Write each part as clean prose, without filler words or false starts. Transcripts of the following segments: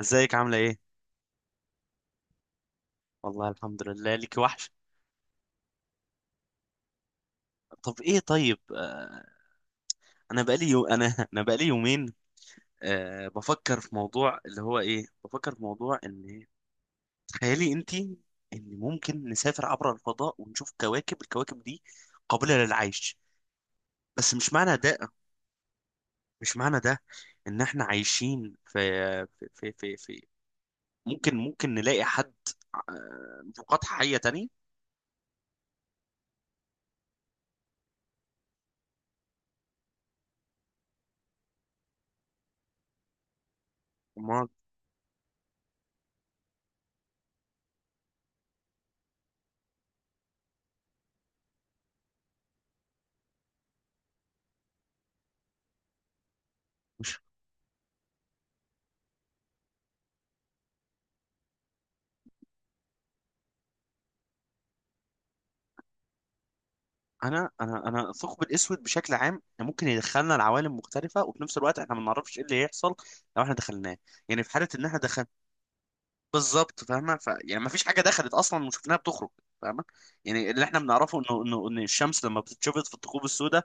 ازيك عاملة ايه؟ والله الحمد لله ليك وحش. طب ايه طيب آه، انا انا بقالي يومين. آه، بفكر في موضوع اللي هو ايه، بفكر في موضوع ان تخيلي انتي ان ممكن نسافر عبر الفضاء ونشوف كواكب، الكواكب دي قابلة للعيش. بس مش معنى ده، مش معنى ده ان احنا عايشين في في في في, في... ممكن نلاقي حد، آه، مخلوقات حية تانية. امال انا الثقب الاسود بشكل عام ممكن يدخلنا لعوالم مختلفه، وفي نفس الوقت احنا ما نعرفش ايه اللي هيحصل لو احنا دخلناه. يعني في حاله ان احنا بالظبط، فاهمه. ف يعني ما فيش حاجه دخلت اصلا وشفناها بتخرج، فاهمه. يعني اللي احنا بنعرفه انه ان الشمس لما بتتشفط في الثقوب السوداء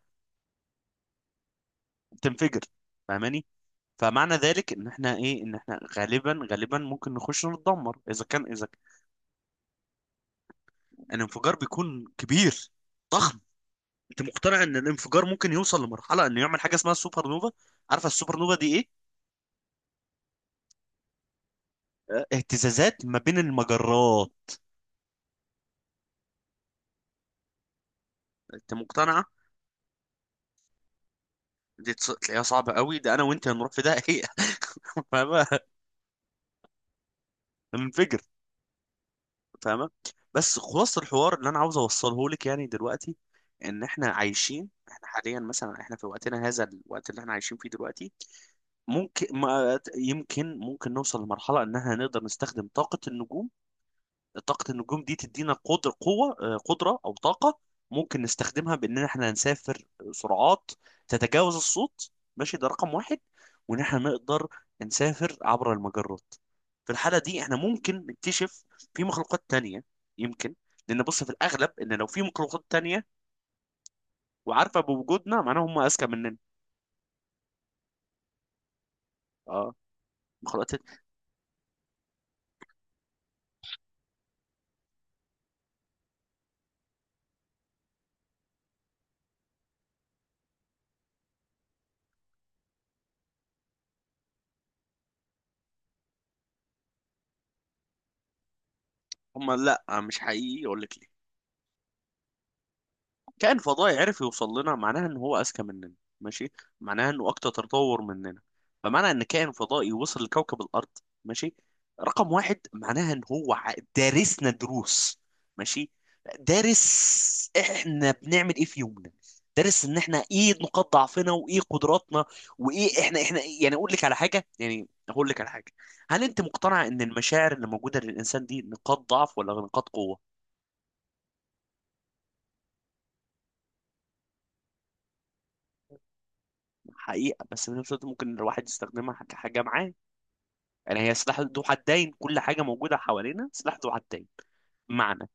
بتنفجر، فاهماني. فمعنى ذلك ان احنا ايه، ان احنا غالبا ممكن نخش نتدمر، اذا كان اذا كان الانفجار بيكون كبير. انت مقتنع ان الانفجار ممكن يوصل لمرحله انه يعمل حاجه اسمها سوبر نوفا؟ عارفه السوبر نوفا دي ايه؟ اهتزازات ما بين المجرات. انت مقتنعه؟ دي تلاقيها صعبه قوي، ده انا وانت هنروح في ده هي فاهمه، هننفجر، فاهمه. بس خلاص، الحوار اللي انا عاوز اوصله لك يعني دلوقتي ان احنا عايشين، احنا حاليا مثلا، احنا في وقتنا، هذا الوقت اللي احنا عايشين فيه دلوقتي، ممكن ما يمكن ممكن نوصل لمرحله ان احنا نقدر نستخدم طاقه النجوم. طاقة النجوم دي تدينا قدر قوة، آه، قدرة أو طاقة ممكن نستخدمها بإن إحنا نسافر سرعات تتجاوز الصوت. ماشي، ده رقم واحد. وإن إحنا نقدر نسافر عبر المجرات. في الحالة دي إحنا ممكن نكتشف في مخلوقات تانية، يمكن. لأن بص في الأغلب إن لو في مخلوقات تانية وعارفة بوجودنا، معناها هم أذكى مننا. أه، مخلوقات. هم لا، مش حقيقي، أقول لك ليه. كائن فضائي عرف يوصل لنا معناها ان هو اذكى مننا، ماشي. معناها انه اكتر تطور مننا. فمعنى ان كائن فضائي وصل لكوكب الارض، ماشي، رقم واحد، معناها ان هو دارسنا دروس، ماشي. دارس احنا بنعمل ايه في يومنا، دارس ان احنا ايه نقاط ضعفنا وايه قدراتنا وايه احنا يعني، اقول لك على حاجه. هل انت مقتنع ان المشاعر اللي موجوده للانسان دي نقاط ضعف ولا نقاط قوه؟ حقيقة، بس في نفس الوقت ممكن الواحد يستخدمها كحاجة معاه. يعني هي سلاح ذو حدين، كل حاجة موجودة حوالينا سلاح ذو حدين. معنى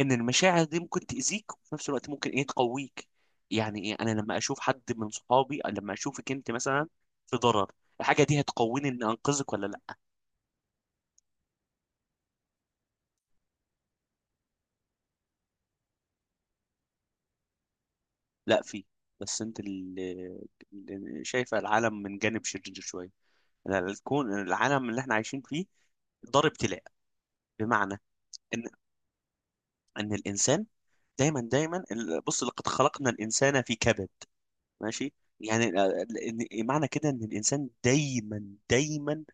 ان المشاعر دي ممكن تأذيك، وفي نفس الوقت ممكن ايه تقويك. يعني ايه، انا لما اشوف حد من صحابي أو لما اشوفك انت مثلا في ضرر، الحاجة دي هتقويني ان انقذك ولا لا؟ لا في. بس انت اللي شايفة العالم من جانب شرير شوية. لا، الكون، العالم اللي احنا عايشين فيه دار ابتلاء، بمعنى ان ان الانسان بص، لقد خلقنا الانسان في كبد، ماشي. يعني معنى كده ان الانسان دايما دايما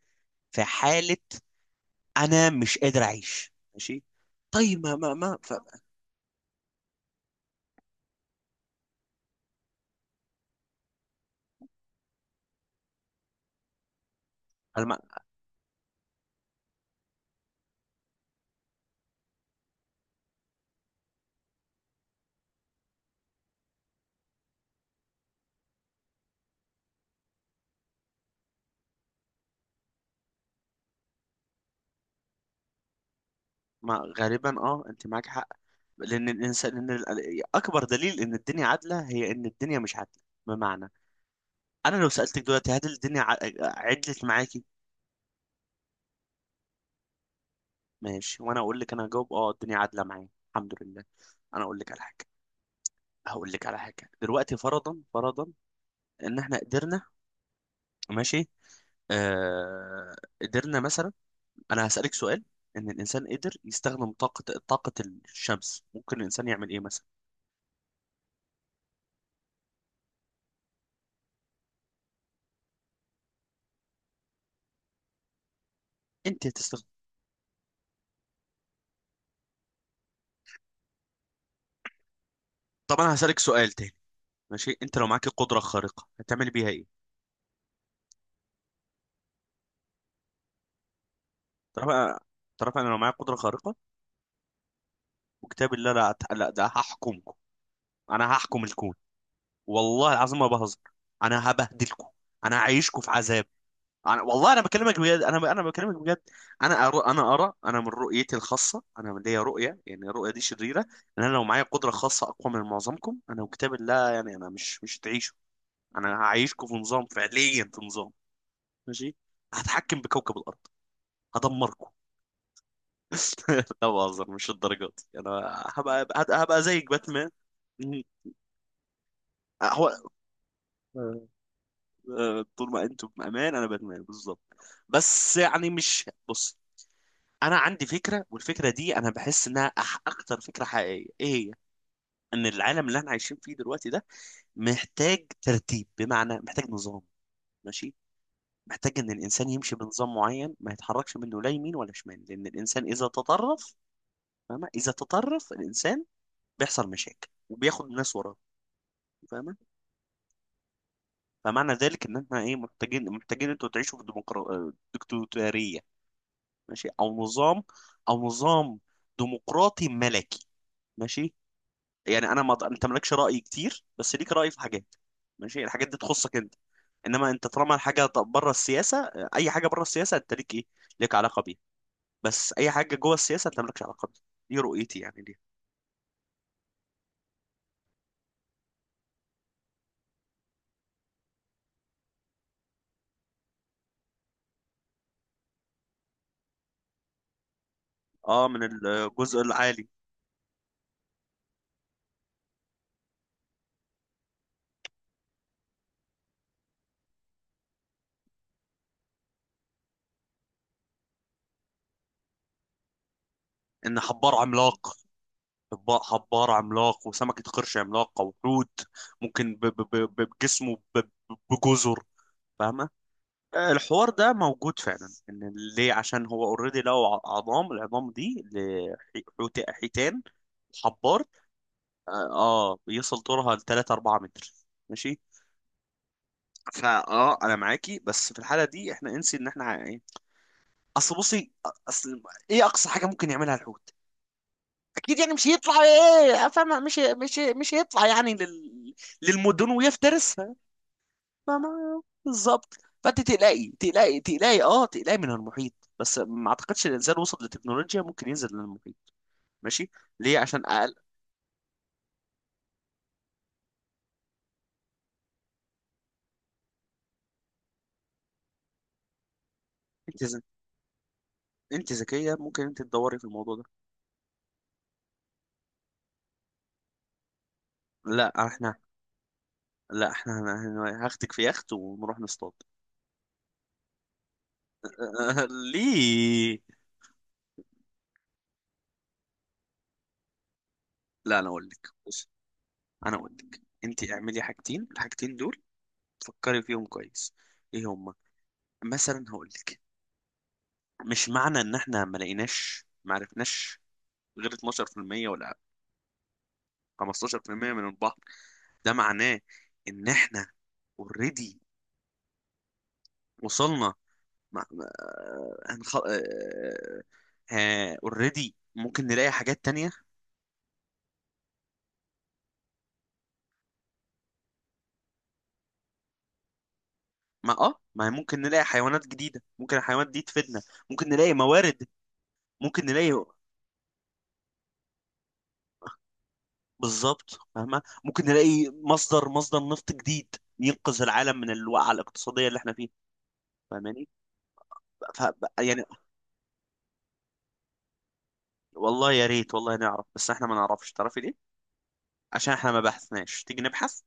في حاله انا مش قادر اعيش، ماشي. طيب ما ما ما, ف... أنا ما, ما غالبا اه، انت معاك حق. لان الانسان، لان اكبر دليل ان الدنيا عادله هي ان الدنيا مش عادله، بمعنى انا لو سالتك دلوقتي هل الدنيا عدلت معاكي؟ ماشي، وانا اقول لك، انا هجاوب اه، الدنيا عادله معايا الحمد لله. انا اقول لك على حاجه، هقول لك على حاجه دلوقتي. فرضا فرضا ان احنا قدرنا، ماشي، آه، قدرنا مثلا، انا هسالك سؤال، ان الانسان قدر يستخدم طاقه، طاقه الشمس، ممكن الانسان يعمل ايه مثلا؟ انت هتستخدم. طب انا هسالك سؤال تاني، ماشي، انت لو معاك قدره خارقه هتعمل بيها ايه؟ تعرف تعرف انا لو معايا قدره خارقه وكتاب الله لا ده هحكمكم، انا هحكم الكون، والله العظيم ما بهزر، انا هبهدلكم، انا هعيشكم في عذاب. انا والله انا بكلمك بجد، انا بكلمك بجد. انا ارى، انا من رؤيتي الخاصه، انا من ليا رؤيه يعني، الرؤيه دي شريره. ان انا لو معايا قدره خاصه اقوى من معظمكم انا وكتاب الله، يعني انا مش هتعيشوا، انا هعيشكم في نظام، فعليا في نظام، ماشي، هتحكم بكوكب الارض، هدمركم. لا بهزر، مش الدرجات دي. انا هبقى زيك باتمان. مم. هو آه. طول ما انتم بامان انا باتمان، بالظبط. بس يعني مش، بص، انا عندي فكره والفكره دي انا بحس انها اكتر فكره حقيقيه، ايه هي؟ ان العالم اللي احنا عايشين فيه دلوقتي ده محتاج ترتيب، بمعنى محتاج نظام، ماشي، محتاج ان الانسان يمشي بنظام معين ما يتحركش منه لا يمين ولا شمال، لان الانسان اذا تطرف، فاهمه، اذا تطرف الانسان بيحصل مشاكل وبياخد الناس وراه، فاهمه. فمعنى ذلك ان احنا ايه، محتاجين انتوا تعيشوا في ديكتاتوريه، ماشي، او نظام، او نظام ديمقراطي ملكي، ماشي. يعني انا، ما انت مالكش راي كتير بس ليك راي في حاجات، ماشي، الحاجات دي تخصك انت. انما انت طالما الحاجه بره السياسه، اي حاجه بره السياسه انت ليك ايه، ليك علاقه بيها. بس اي حاجه جوه السياسه انت مالكش علاقه بيها. دي رؤيتي يعني دي. اه، من الجزء العالي. ان حبار عملاق، حبار عملاق وسمكه قرش عملاقه وحوت ممكن بجسمه بجزر، فاهمه. الحوار ده موجود فعلا، ان ليه، عشان هو اوريدي لو عظام، العظام دي لحيتان، حيتان، حبار. اه، آه، بيصل طولها ل 3 4 متر، ماشي. فا اه، انا معاكي، بس في الحاله دي احنا انسي ان احنا ايه، اصل بصي، اصل ايه اقصى حاجه ممكن يعملها الحوت؟ اكيد يعني مش هيطلع ايه، فاهمه، مش هيطلع يعني للمدن ويفترس. فما بالظبط. فانت تقلقي اه تقلقي من المحيط، بس ما اعتقدش الانسان وصل لتكنولوجيا ممكن ينزل للمحيط، ماشي، ليه، عشان اقل. انت ز... انت ذكيه ممكن انت تدوري في الموضوع ده. لا احنا لا احنا هاخدك في يخت ونروح نصطاد. ليه؟ لا انا اقول لك، بص، انا اقول لك، انت اعملي حاجتين، الحاجتين دول فكري فيهم كويس. ايه هما؟ مثلا هقول لك، مش معنى ان احنا ما لقيناش، ما عرفناش غير 12% ولا 15% من البحر، ده معناه ان احنا اوريدي وصلنا مع... مع- هنخ... اوريدي ممكن نلاقي حاجات تانية. ما اه، ما ممكن نلاقي حيوانات جديدة، ممكن الحيوانات دي تفيدنا، ممكن نلاقي موارد، ممكن نلاقي، بالظبط فاهمة، ممكن نلاقي مصدر، مصدر نفط جديد ينقذ العالم من الوقعة الاقتصادية اللي احنا فيها، فاهماني. ف... يعني والله يا ريت، والله نعرف بس. احنا ما نعرفش، تعرفي ليه؟ عشان احنا ما بحثناش، تيجي نبحث.